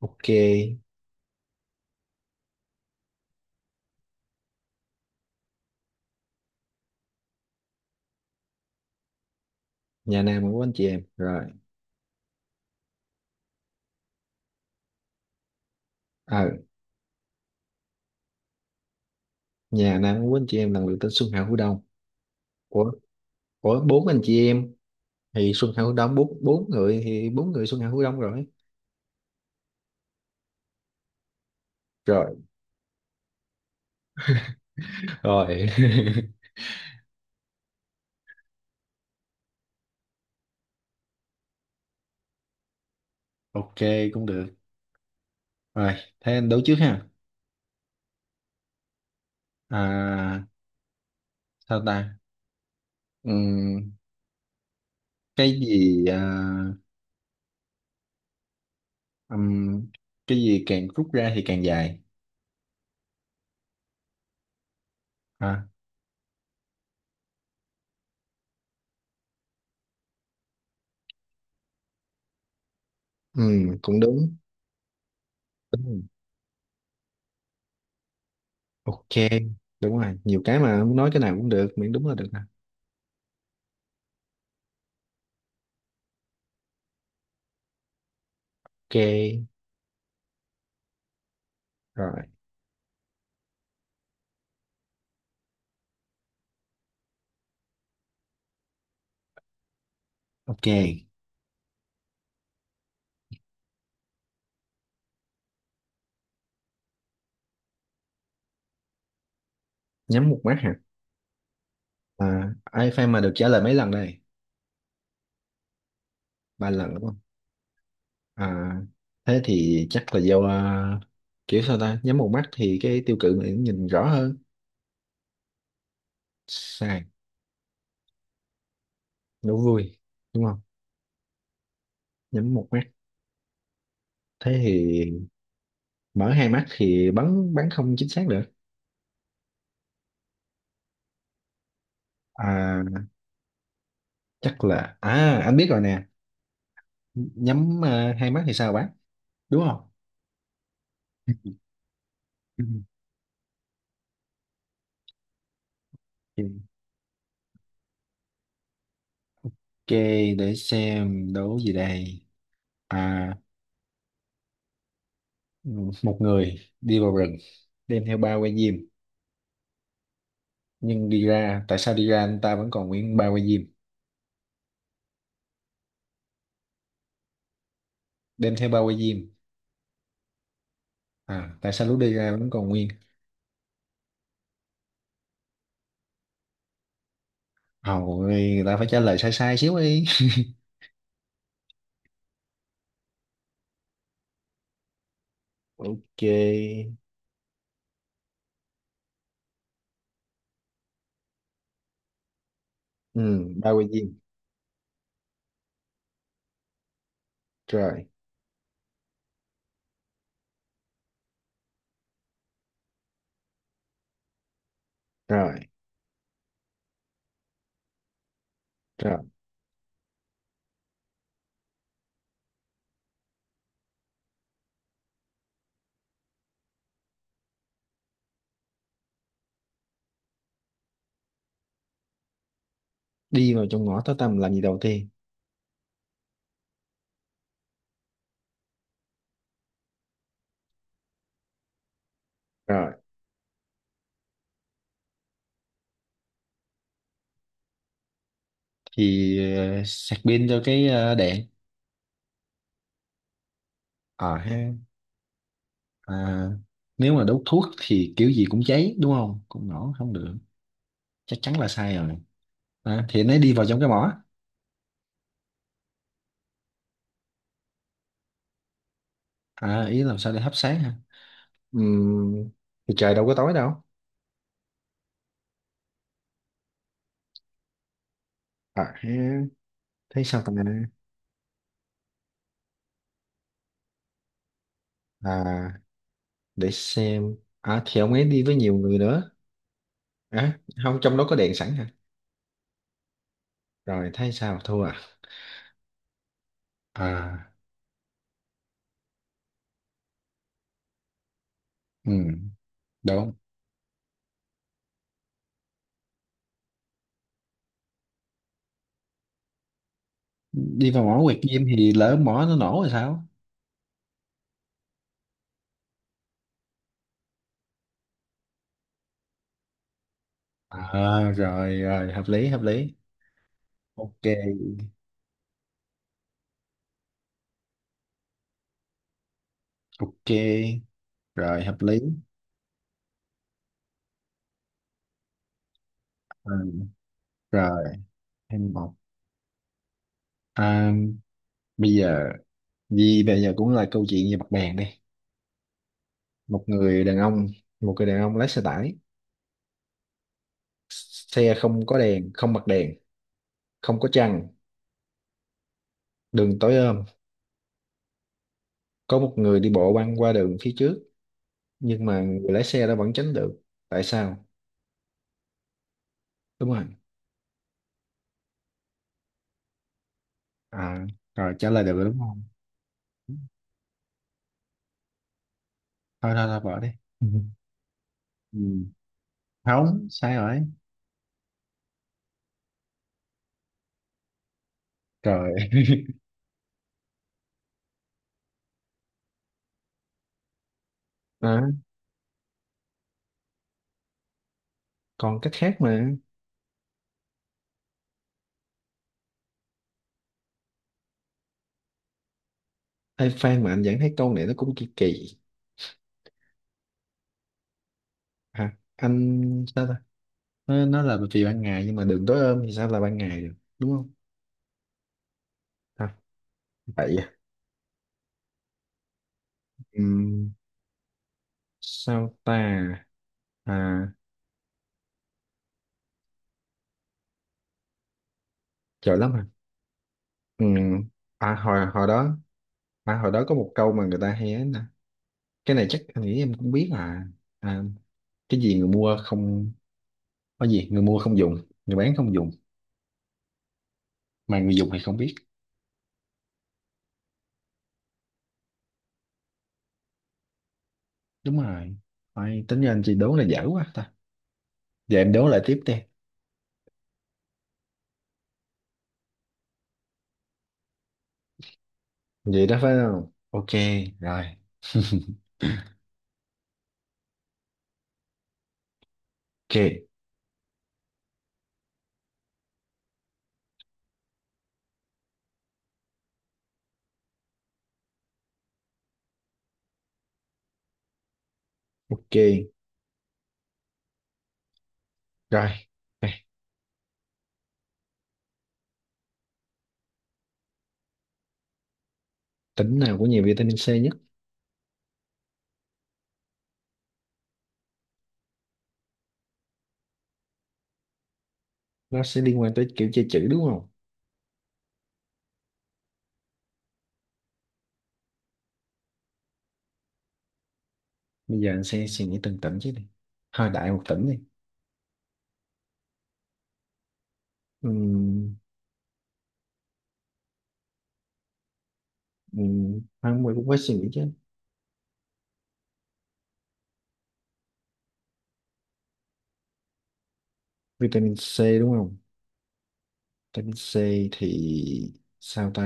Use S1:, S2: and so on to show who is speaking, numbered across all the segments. S1: Ok, nhà Nam của anh chị em rồi. Ờ, nhà Nam của anh chị em là người tên Xuân Hạ Hữu Đông. Của của bốn anh chị em thì Xuân Hạ Hữu Đông, bốn bốn người thì bốn người Xuân Hạ Hữu Đông rồi. Rồi. Rồi. Ok, cũng được. Rồi, thế anh đấu trước ha. À, sao ta? Ừm, cái gì à, ừm, cái gì càng rút ra thì càng dài. À, ừ, cũng đúng. Đúng rồi. Ok, đúng rồi. Nhiều cái mà muốn nói cái nào cũng được, miễn đúng là được nè. Ok, rồi. Ok, nhắm một mắt hả? À, ai fan mà được trả lời mấy lần đây? Ba lần đúng không? À, thế thì chắc là do à, kiểu sao ta? Nhắm một mắt thì cái tiêu cự mình nhìn rõ hơn. Sai, đố vui, đúng không? Nhắm một mắt. Thế thì mở hai mắt thì bắn bắn không chính xác được. À, chắc là à anh biết rồi nè. Nhắm à, hai mắt thì sao bắn? Đúng không? Ừ. Ok, để xem đố gì đây. À, ừ, một người đi vào rừng đem theo ba que diêm, nhưng đi ra tại sao đi ra anh ta vẫn còn nguyên ba que diêm, đem theo ba que diêm, à tại sao lúc đi ra vẫn còn nguyên. Hầu người ta phải trả lời sai sai xíu đi. Ok, ừ, ba que diêm. Rồi rồi rồi Đi vào trong ngõ tối tăm làm gì đầu tiên? Rồi, thì ờ, sạc pin cho cái ờ, đèn. À, ha. À, nếu mà đốt thuốc thì kiểu gì cũng cháy đúng không, cũng nổ không được, chắc chắn là sai rồi. À, thì anh ấy đi vào trong cái mỏ. À ý làm sao để hấp sáng hả? Ừm, thì trời đâu có tối đâu. À, thế thế sao ta? À để xem, à thì ông ấy đi với nhiều người nữa. À không, trong đó có đèn sẵn hả? Rồi thấy sao thua à? À, ừ, đúng. Đi vào mỏ quẹt diêm thì lỡ mỏ nó nổ rồi sao? À rồi rồi, hợp lý hợp lý. Ok, ok, rồi hợp lý. Ừ. Rồi thêm một. À, bây giờ gì bây giờ cũng là câu chuyện về mặt bàn đi. Một người đàn ông một người đàn ông lái xe tải, xe không có đèn, không bật đèn, không có trăng, đường tối om, có một người đi bộ băng qua đường phía trước, nhưng mà người lái xe đó vẫn tránh được. Tại sao? Đúng rồi. À rồi, trả lời được rồi đúng không? Thôi thôi thôi bỏ đi. Ừ. Ừ. Không, sai rồi. Trời. À, còn cách khác mà. Ê, Phan mà anh vẫn thấy câu này nó cũng kỳ kỳ. Hả anh sao ta? Nó là vì ban ngày, nhưng mà đường tối om thì sao là ban ngày được đúng không? À, vậy. À, sao ta? À, giỏi lắm à? Ừ. À hồi hồi đó, à hồi đó có một câu mà người ta hay ấy nè. Cái này chắc anh nghĩ em cũng biết à. À cái gì người mua không, có gì người mua không dùng, người bán không dùng, mà người dùng thì không biết. Đúng rồi. Ai, tính ra anh chị đố là dở quá ta. Giờ em đố lại tiếp đi. Vậy đó phải không? Ok, rồi. Ok, ok, rồi. Đây, tính nào có nhiều vitamin C nhất? Nó sẽ liên quan tới kiểu chơi chữ đúng không? Bây giờ anh sẽ suy nghĩ từng tỉnh chứ đi, hơi đại một tỉnh đi. Ừm, không, mình cũng phải suy nghĩ chứ. Vitamin C đúng không? Vitamin C, thì sao ta?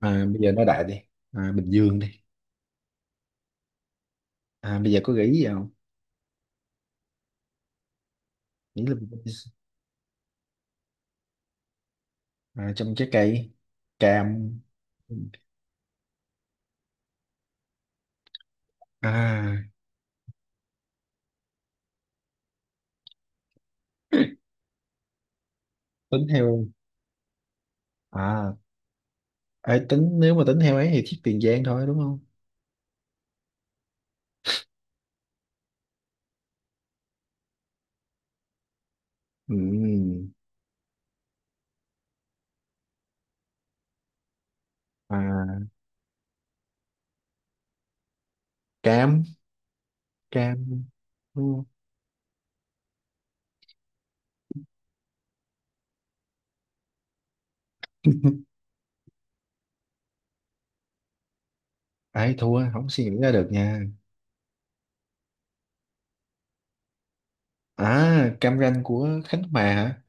S1: À, bây giờ nói đại đi. À, Bình Dương đi. À, bây giờ có gợi ý gì không? Nghĩ là vitamin C. À, trong trái cây, cam. À tính theo, à ấy tính nếu mà tính theo ấy thì thiết Tiền Giang thôi đúng không? Ừm, à cam, cam đúng không? Ai thua không suy nghĩ ra được nha. À cam ranh của Khánh Hòa hả?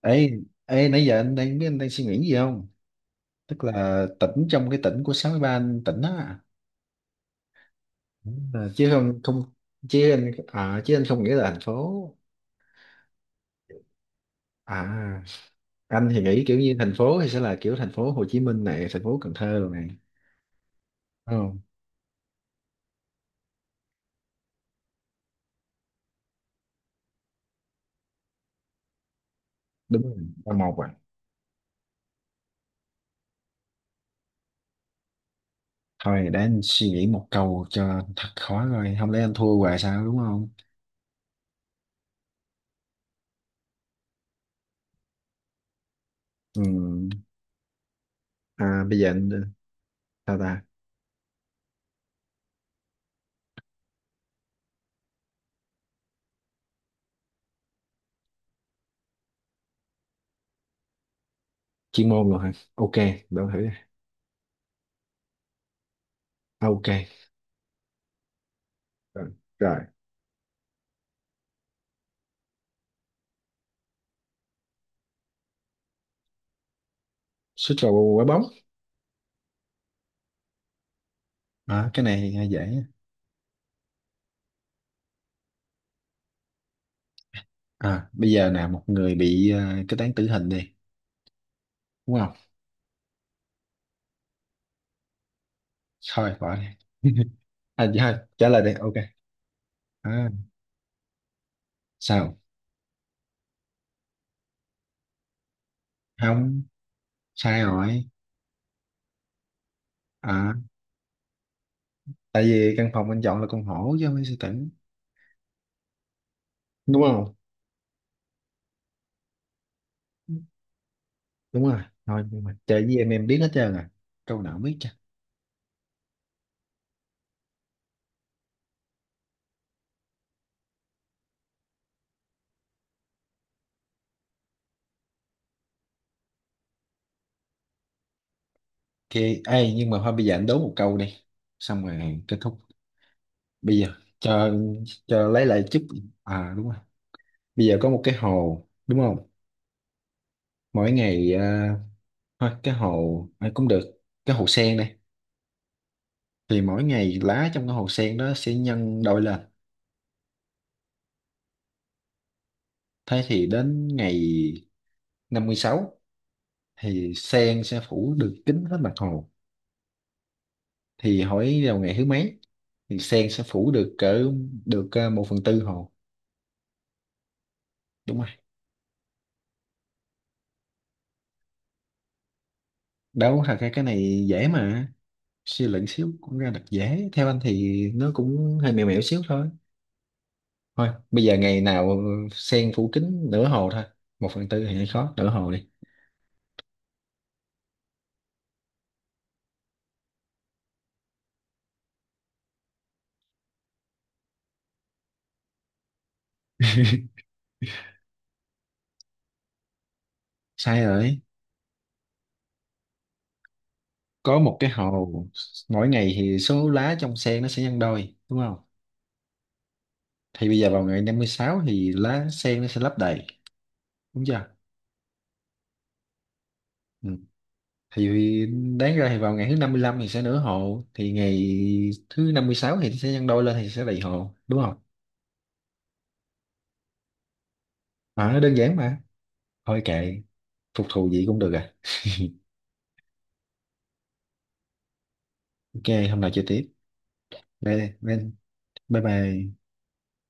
S1: Ê, ê nãy giờ anh đang biết anh đang suy nghĩ gì không? Tức là tỉnh trong cái tỉnh của 63 anh tỉnh á. À, chứ không không, chứ anh à, chứ anh không nghĩ là thành phố. À anh thì nghĩ kiểu như thành phố thì sẽ là kiểu thành phố Hồ Chí Minh này, thành phố Cần Thơ rồi này. Đúng không? Đúng rồi. Ba một à? Thôi để anh suy nghĩ một câu cho thật khó, rồi không lẽ anh thua hoài sao đúng không? Ừ. À, bây giờ anh sao ta? Chuyên môn rồi hả? Ok, để thử đi. À, ok, rồi. Rồi. Suýt vào quả bóng. À, cái này nghe dễ á. À, bây giờ nè một người bị ờ, kết án tử hình đi, đúng không? Thôi bỏ đi. À, dạ, thôi, trả lời đi. Ok. À, sao? Không, sai rồi. À, tại vì căn phòng anh chọn là con hổ chứ không phải sư tử, đúng không? Đúng rồi. Thôi nhưng mà chơi với em biết hết trơn à. Câu nào cũng biết chứ. Ok, ê, nhưng mà thôi bây giờ anh đố một câu đi, xong rồi kết thúc. Bây giờ cho cho lấy lại chút. À đúng rồi. Bây giờ có một cái hồ đúng không, mỗi ngày à, thôi cái hồ à, cũng được, cái hồ sen này, thì mỗi ngày lá trong cái hồ sen đó sẽ nhân đôi lên. Thế thì đến ngày 56 thì sen sẽ phủ được kín hết mặt hồ, thì hỏi vào ngày thứ mấy thì sen sẽ phủ được cỡ được à, 1/4 hồ. Đúng rồi. Đâu thật ra cái này dễ mà, suy luận xíu cũng ra được dễ, theo anh thì nó cũng hơi mèo mẻo xíu thôi. Thôi bây giờ ngày nào sen phủ kính nửa hồ thôi, 1/4 thì hơi khó, nửa hồ đi. Sai rồi. Có một cái hồ, mỗi ngày thì số lá trong sen nó sẽ nhân đôi đúng không, thì bây giờ vào ngày 56 thì lá sen nó sẽ lấp đầy, đúng chưa? Ừ. Thì đáng ra thì vào ngày thứ 55 thì sẽ nửa hồ, thì ngày thứ 56 thì sẽ nhân đôi lên thì sẽ đầy hồ đúng không? À, đơn giản mà. Thôi kệ, phục thù gì cũng được à. Ok, hôm nào chơi tiếp. Bye, bye, bye bye.